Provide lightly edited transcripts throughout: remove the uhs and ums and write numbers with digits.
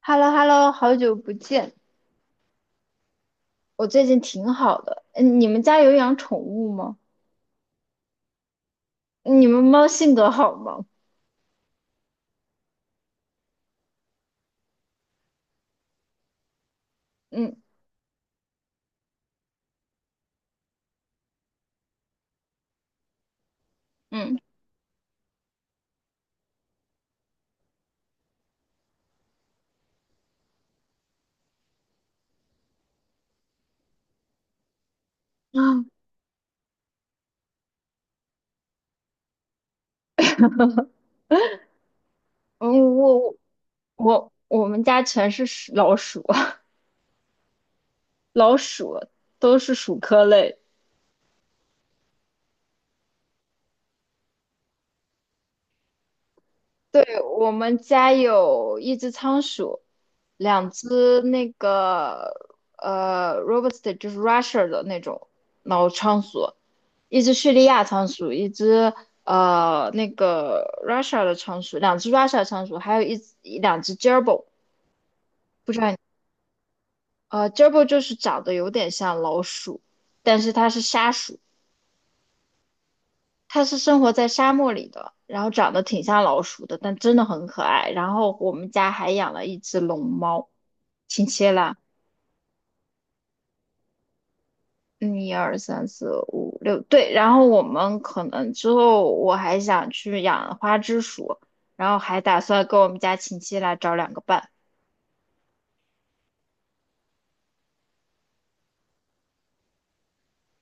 h e l l o hello 好久不见。我最近挺好的。嗯，你们家有养宠物吗？你们猫性格好吗？嗯嗯啊，嗯，我我我们家全是老鼠，老鼠都是鼠科类。对，我们家有一只仓鼠，两只那个Robust， 就是 Russia 的那种老仓鼠，一只叙利亚仓鼠，一只那个 Russia 的仓鼠，两只 Russia 仓鼠，还有两只 j e r b i l。 不知道你gerbil 就是长得有点像老鼠，但是它是沙鼠。它是生活在沙漠里的，然后长得挺像老鼠的，但真的很可爱。然后我们家还养了一只龙猫。亲切啦。嗯，一二三四五六，对。然后我们可能之后我还想去养花枝鼠，然后还打算跟我们家亲戚来找两个伴。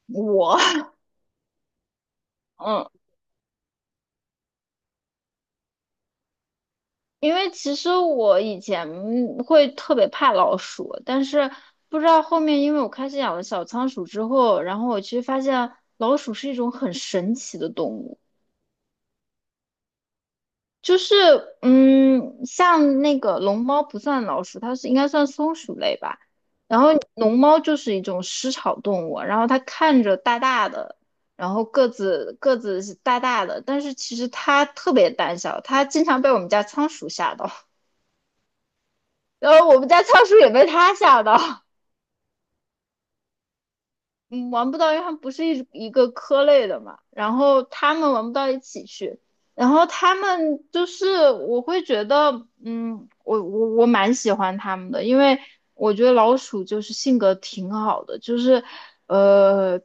我，嗯。因为其实我以前会特别怕老鼠，但是不知道后面，因为我开始养了小仓鼠之后，然后我其实发现老鼠是一种很神奇的动物。就是嗯，像那个龙猫不算老鼠，它是应该算松鼠类吧。然后龙猫就是一种食草动物，然后它看着大大的，然后个子是大大的，但是其实它特别胆小，它经常被我们家仓鼠吓到。然后我们家仓鼠也被他吓到。嗯，玩不到，因为他们不是一个科类的嘛，然后他们玩不到一起去。然后他们就是我会觉得，嗯，我蛮喜欢他们的，因为我觉得老鼠就是性格挺好的。就是呃，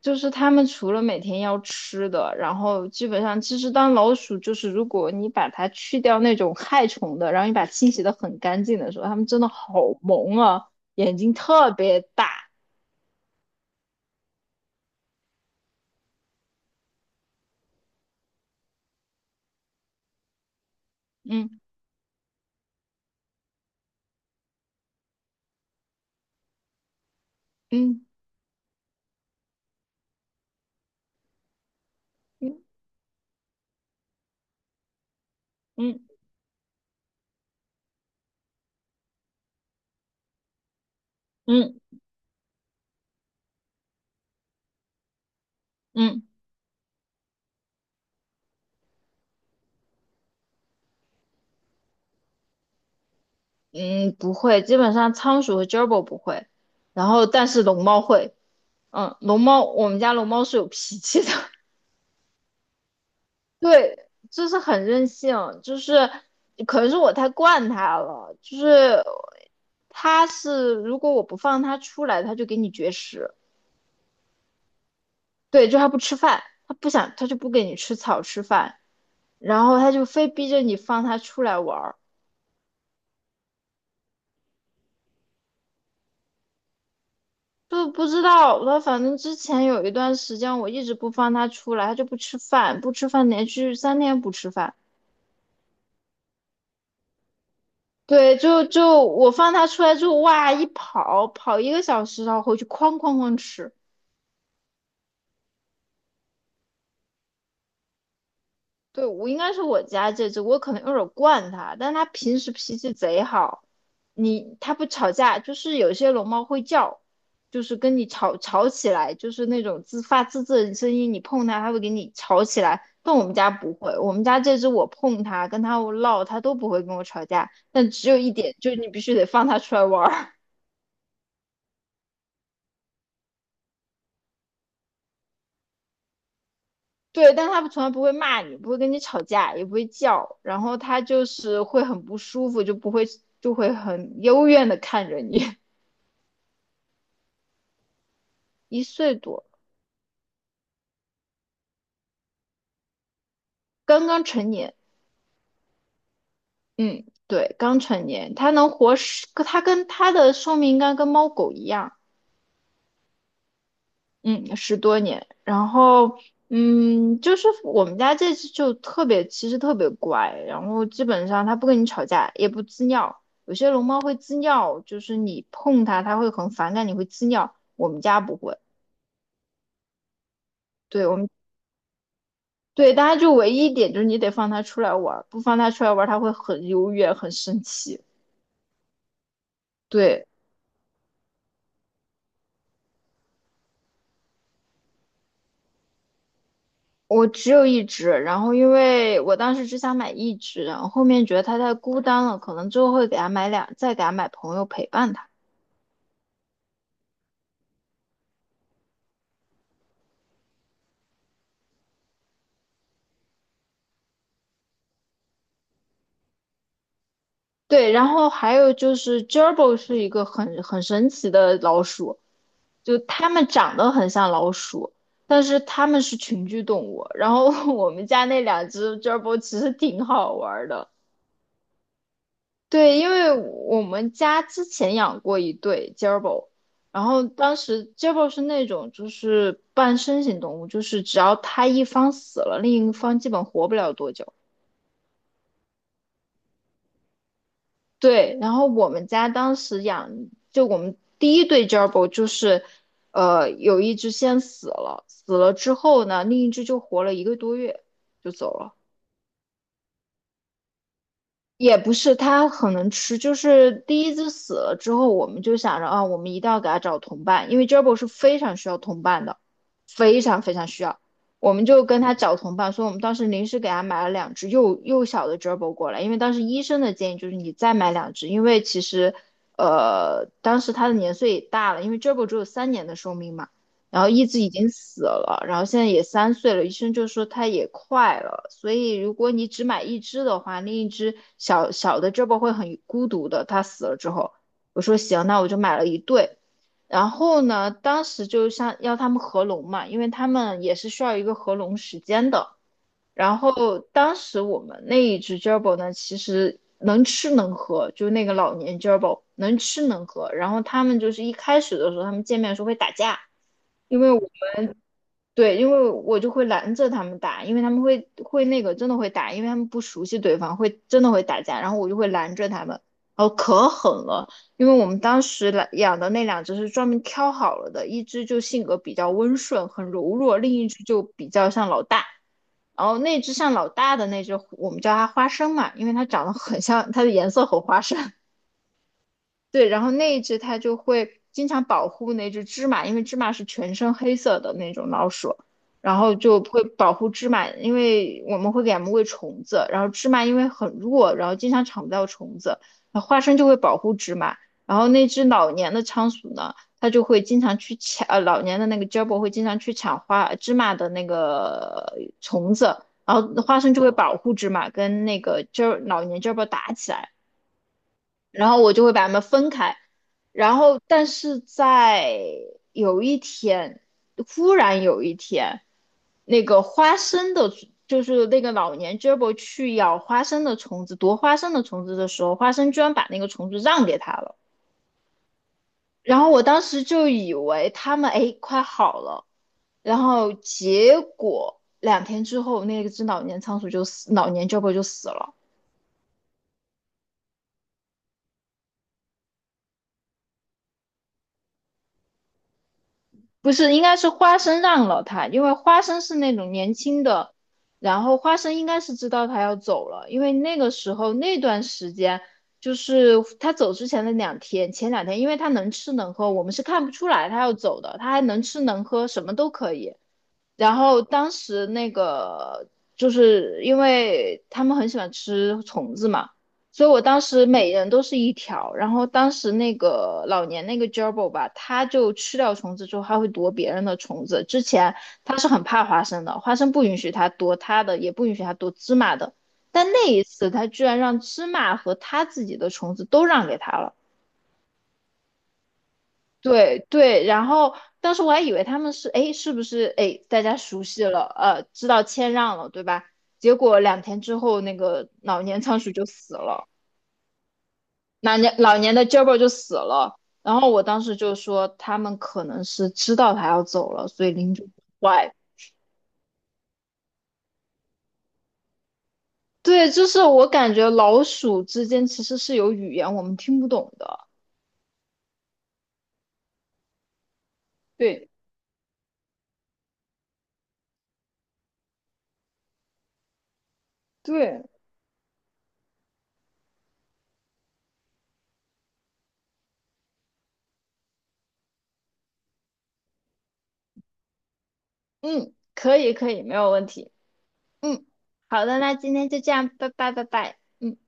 就是他们除了每天要吃的，然后基本上其实当老鼠就是如果你把它去掉那种害虫的，然后你把它清洗的很干净的时候，它们真的好萌啊。眼睛特别大。嗯嗯。嗯嗯嗯嗯嗯，不会，基本上仓鼠和 gerbil 不会，然后但是龙猫会。嗯，龙猫我们家龙猫是有脾气的。对，就是很任性。就是可能是我太惯它了。就是它是如果我不放它出来，它就给你绝食。对，就它不吃饭，它不想它就不给你吃草吃饭，然后它就非逼着你放它出来玩儿。就不知道他，反正之前有一段时间我一直不放他出来，他就不吃饭，不吃饭，连续3天不吃饭。对，就我放他出来之后，哇，一跑跑1个小时，然后回去哐哐哐吃。对，我应该是我家这只，我可能有点儿惯它，但它平时脾气贼好。你它不吵架，就是有些龙猫会叫，就是跟你吵吵起来，就是那种自发自的声音。你碰它，它会给你吵起来。但我们家不会，我们家这只我碰它，跟它闹，它都不会跟我吵架。但只有一点，就是你必须得放它出来玩儿。对，但他从来不会骂你，不会跟你吵架，也不会叫，然后他就是会很不舒服，就不会就会很幽怨的看着你。1岁多。刚刚成年。嗯，对，刚成年。他能活十，他跟他的寿命应该跟猫狗一样。嗯，10多年。然后，嗯，就是我们家这只就特别，其实特别乖，然后基本上它不跟你吵架，也不滋尿，会滋尿，就是你碰它，它会很反感，你会滋尿。我们家不会。对我们对，大家就唯一一点就是你得放它出来玩儿，不放它出来玩儿，它会很优越，很生气。对，我只有一只，然后因为我当时只想买一只，然后后面觉得它太孤单了，可能之后会给它买两，再给它买朋友陪伴它。对，然后还有就是 Gerbil 是一个很神奇的老鼠。就它们长得很像老鼠，但是它们是群居动物。然后 我们家那两只 gerbil 其实挺好玩儿的。对，因为我们家之前养过一对 g e r b i。 然后当时 gerbil 是那种就是半身型动物，就是只要它一方死了，另一方基本活不了多久。对，然后我们家当时养，就我们第一对 gerbil 就是，有一只先死了，死了之后呢，另一只就活了1个多月就走了。也不是，它很能吃。就是第一只死了之后，我们就想着啊，我们一定要给它找同伴，因为 Gerbil 是非常需要同伴的，非常非常需要。我们就跟他找同伴，所以我们当时临时给他买了两只幼小的 Gerbil 过来，因为当时医生的建议就是你再买两只，因为其实，当时它的年岁也大了，因为 Gerbil 只有3年的寿命嘛。然后一只已经死了，然后现在也3岁了，医生就说它也快了，所以如果你只买一只的话，另一只小小的 g e r b i 会很孤独的。它死了之后，我说行，那我就买了一对。然后呢，当时就像要他们合笼嘛，因为他们也是需要一个合笼时间的。然后当时我们那一只 j e r b o 呢，其实能吃能喝，就是那个老年 j e r b o 能吃能喝，然后他们就是一开始的时候，他们见面的时候会打架。因为。对，因为我就会拦着他们打，因为他们会那个真的会打，因为他们不熟悉对方，会真的会打架，然后我就会拦着他们。然后可狠了。因为我们当时来养的那两只是专门挑好了的，一只就性格比较温顺，很柔弱，另一只就比较像老大。然后那只像老大的那只，我们叫它花生嘛，因为它长得很像，它的颜色很花生。对，然后那一只它就会经常保护那只芝麻，因为芝麻是全身黑色的那种老鼠，然后就会保护芝麻，因为我们会给它们喂虫子，然后芝麻因为很弱，然后经常抢不到虫子，然后花生就会保护芝麻。然后那只老年的仓鼠呢，它就会经常去抢，老年的那个 j a b o 会经常去抢芝麻的那个虫子，然后花生就会保护芝麻跟那个 老年 j a b o 打起来。然后我就会把它们分开。然后，但是在有一天，忽然有一天，那个花生的，就是那个老年 g e r b i 去咬花生的虫子，夺花生的虫子的时候，花生居然把那个虫子让给他了。然后我当时就以为他们哎快好了。然后结果两天之后，那只老年仓鼠就死，老年 g e r b i 就死了。不是，应该是花生让了他，因为花生是那种年轻的。然后花生应该是知道他要走了，因为那个时候那段时间就是他走之前的两天，前2天，因为他能吃能喝，我们是看不出来他要走的，他还能吃能喝，什么都可以。然后当时那个就是因为他们很喜欢吃虫子嘛，所以我当时每人都是一条。然后当时那个老年那个 gerbil 吧，他就吃掉虫子之后，还会夺别人的虫子。之前他是很怕花生的，花生不允许他夺他的，也不允许他夺芝麻的。但那一次，他居然让芝麻和他自己的虫子都让给他了。对,然后当时我还以为他们是，哎，是不是，哎，大家熟悉了，知道谦让了，对吧？结果两天之后，那个老年仓鼠就死了，老年的 g e b 就死了。然后我当时就说，他们可能是知道他要走了，所以领主坏。对，就是我感觉老鼠之间其实是有语言我们听不懂的。对对，嗯，可以可以，没有问题。嗯，好的，那今天就这样，拜拜拜拜。嗯。